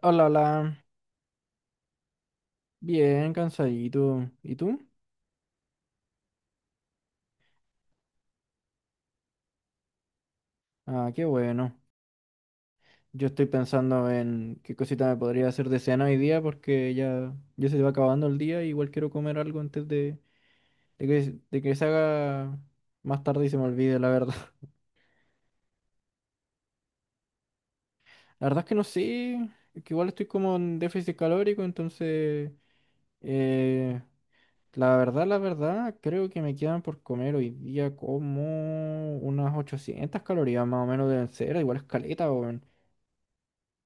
Hola, hola. Bien, cansadito. ¿Y tú? Ah, qué bueno. Yo estoy pensando en qué cosita me podría hacer de cena hoy día porque ya, ya se va acabando el día. Igual quiero comer algo antes de, de que se haga más tarde y se me olvide, la verdad. La verdad es que no sé, es que igual estoy como en déficit calórico, entonces eh, la verdad, creo que me quedan por comer hoy día como unas 800 calorías más o menos deben ser. Igual es caleta, weón.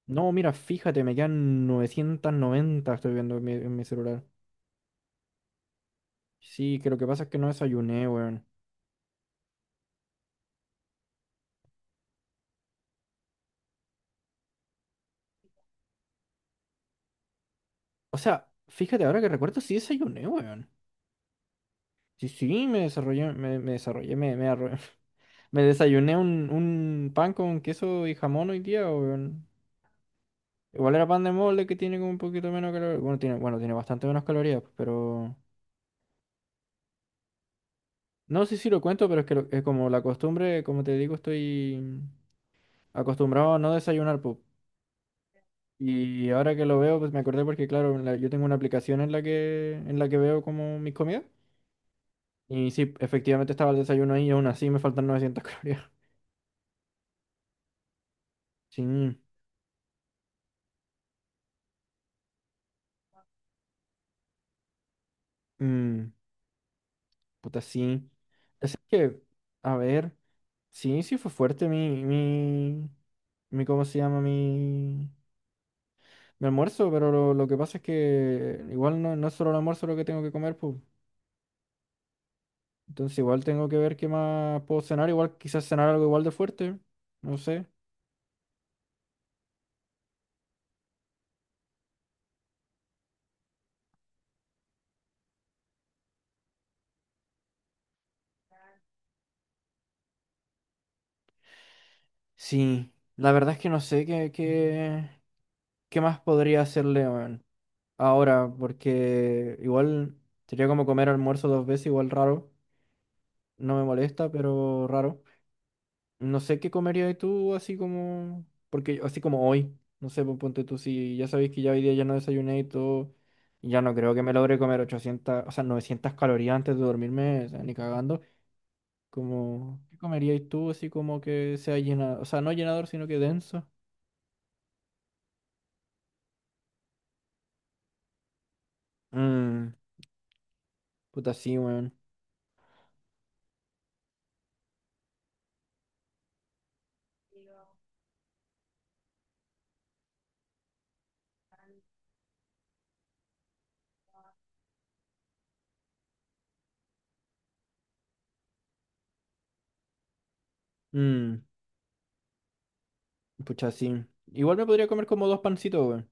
No, mira, fíjate, me quedan 990, estoy viendo en mi celular. Sí, que lo que pasa es que no desayuné, weón. O sea, fíjate, ahora que recuerdo, sí desayuné, weón. Sí, sí, me desarrollé, me desarrollé, me, arro- me desayuné un pan con queso y jamón hoy día, weón. Igual era pan de molde que tiene como un poquito menos calorías. Bueno, tiene bastante menos calorías, pero. No sé si lo cuento, pero es que es como la costumbre, como te digo, estoy acostumbrado a no desayunar, pues. Y ahora que lo veo, pues me acordé porque, claro, yo tengo una aplicación en la que veo como mis comidas. Y sí, efectivamente estaba el desayuno ahí y aún así me faltan 900 calorías. Sí, mm, puta, sí. Así que, a ver, sí, sí fue fuerte mi, mi, mi, ¿cómo se llama? Mi almuerzo, pero lo que pasa es que igual no, no es solo el almuerzo lo que tengo que comer, pues. Entonces igual tengo que ver qué más puedo cenar, igual quizás cenar algo igual de fuerte, no sé. Sí, la verdad es que no sé qué más podría hacerle weón, ahora, porque igual sería como comer almuerzo dos veces, igual raro. No me molesta, pero raro. No sé qué comerías tú así como, porque así como hoy, no sé, pues, ponte tú, si ya sabéis que ya hoy día ya no desayuné y todo, y ya no creo que me logre comer 800, o sea, 900 calorías antes de dormirme, o sea, ni cagando. Como, ¿qué comerías tú así como que sea llenador, o sea, no llenador, sino que denso? Mm, puta, sí, weón. Mm, pucha, sí. Igual me podría comer como dos pancitos, weón.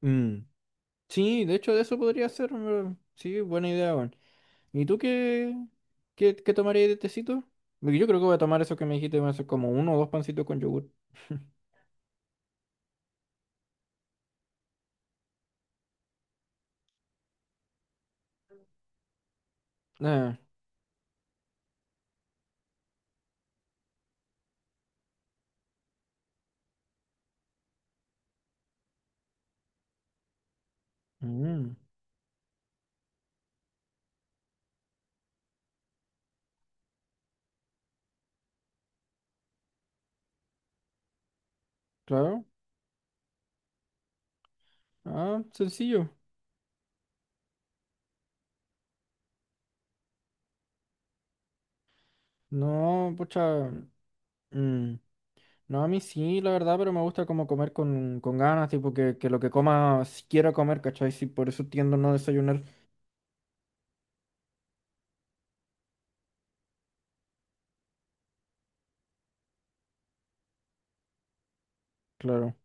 Mm. Sí, de hecho, de eso podría ser, weón. Sí, buena idea, weón. ¿Y tú qué tomarías de tecito? Porque yo creo que voy a tomar eso que me dijiste, voy a hacer como uno o dos pancitos con yogur. Ah, mm, claro. Ah, sencillo. No, pucha. mm, No, a mí sí, la verdad, pero me gusta como comer con, ganas, tipo que lo que coma, si quiera comer, ¿cachai? Sí, por eso tiendo a no desayunar. Claro.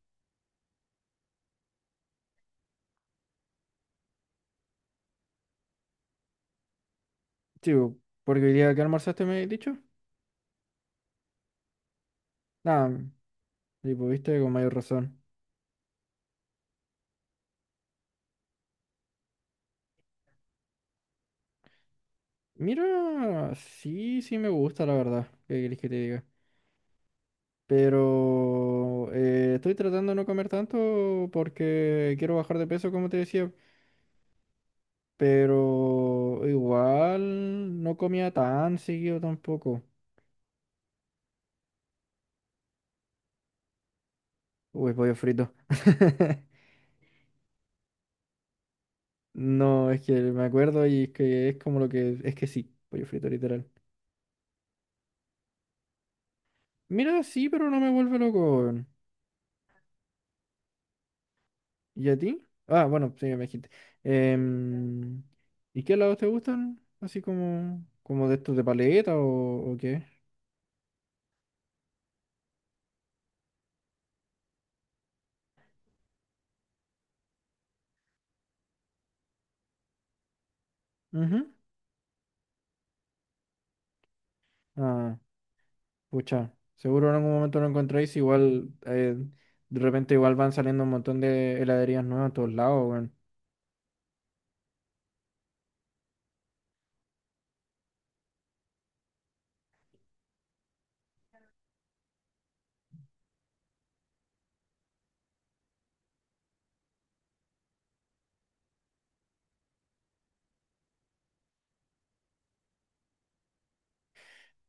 Sí, bo, porque hoy día que almorzaste me he dicho. Nada, tipo, viste con mayor razón. Mira, sí, sí me gusta, la verdad. ¿Qué querés que te diga? Pero estoy tratando de no comer tanto porque quiero bajar de peso, como te decía. Pero igual no comía tan seguido tampoco. Uy, pollo frito. No, es que me acuerdo y es que Es que sí, pollo frito, literal. Mira, sí, pero no me vuelve loco, weón. ¿Y a ti? Ah, bueno, sí, me dijiste. Em, ¿Y qué helados te gustan? Así como de estos de paleta o qué. Ujú. Ah, pucha. Seguro en algún momento lo encontráis. Igual, de repente igual van saliendo un montón de heladerías nuevas a todos lados, weón.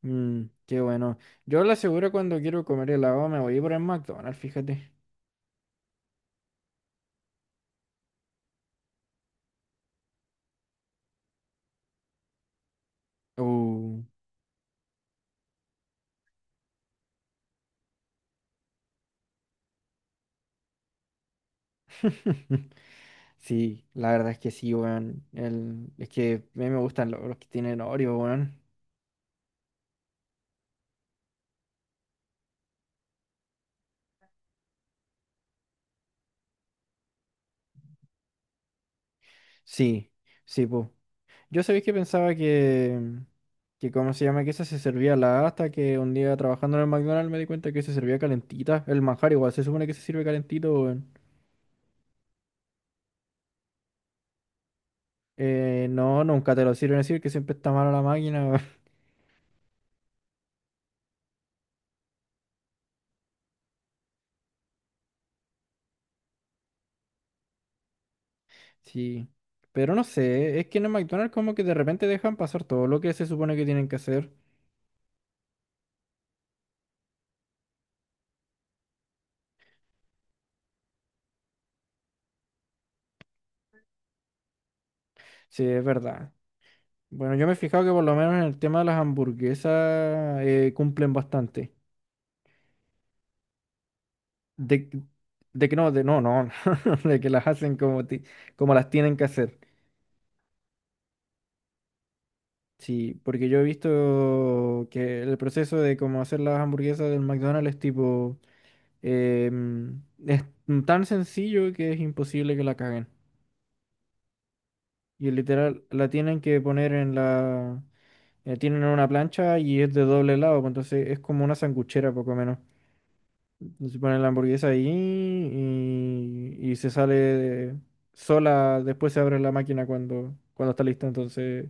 Qué bueno. Yo la aseguro cuando quiero comer helado me voy por el McDonald's, fíjate. Uh. Sí, la verdad es que sí, weón. Es que a mí me gustan los, que tienen Oreo, weón. Sí, sí, pues. Yo sabéis que pensaba que, ¿cómo se llama? Que esa se servía la hasta que un día trabajando en el McDonald's me di cuenta que se servía calentita. El manjar igual, se supone que se sirve calentito, weón. No, nunca te lo sirven así, que siempre está mala la máquina, weón. Sí. Pero no sé, es que en el McDonald's como que de repente dejan pasar todo lo que se supone que tienen que hacer. Sí, es verdad. Bueno, yo me he fijado que por lo menos en el tema de las hamburguesas cumplen bastante. De, de que no, de no, no, De que las hacen como, como las tienen que hacer. Sí, porque yo he visto que el proceso de cómo hacer las hamburguesas del McDonald's es tipo, em, es tan sencillo que es imposible que la caguen. Y literal, la tienen que poner en tienen una plancha y es de doble lado, pues entonces es como una sanguchera poco menos. Se pone la hamburguesa ahí y se sale sola, después se abre la máquina cuando está lista, entonces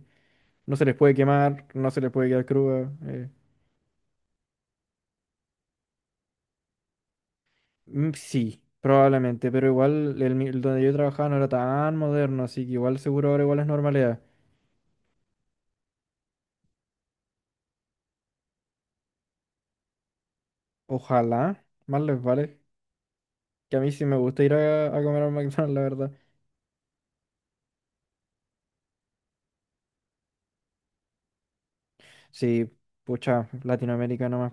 no se les puede quemar, no se les puede quedar cruda. Mm, sí, probablemente, pero igual el donde yo trabajaba no era tan moderno, así que igual seguro ahora igual es normalidad. Ojalá, más les vale, que a mí sí me gusta ir a comer al McDonald's, la verdad. Sí, pucha, Latinoamérica nomás.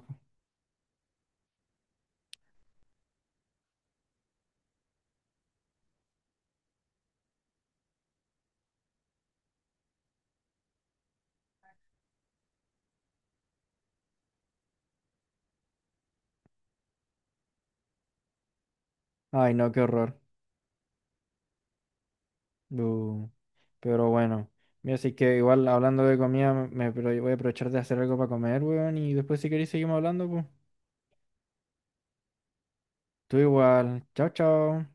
Ay, no, qué horror. Pero bueno, mira, así que igual hablando de comida, voy a aprovechar de hacer algo para comer, weón, y después si queréis seguimos hablando, pues. Tú igual. Chao, chao.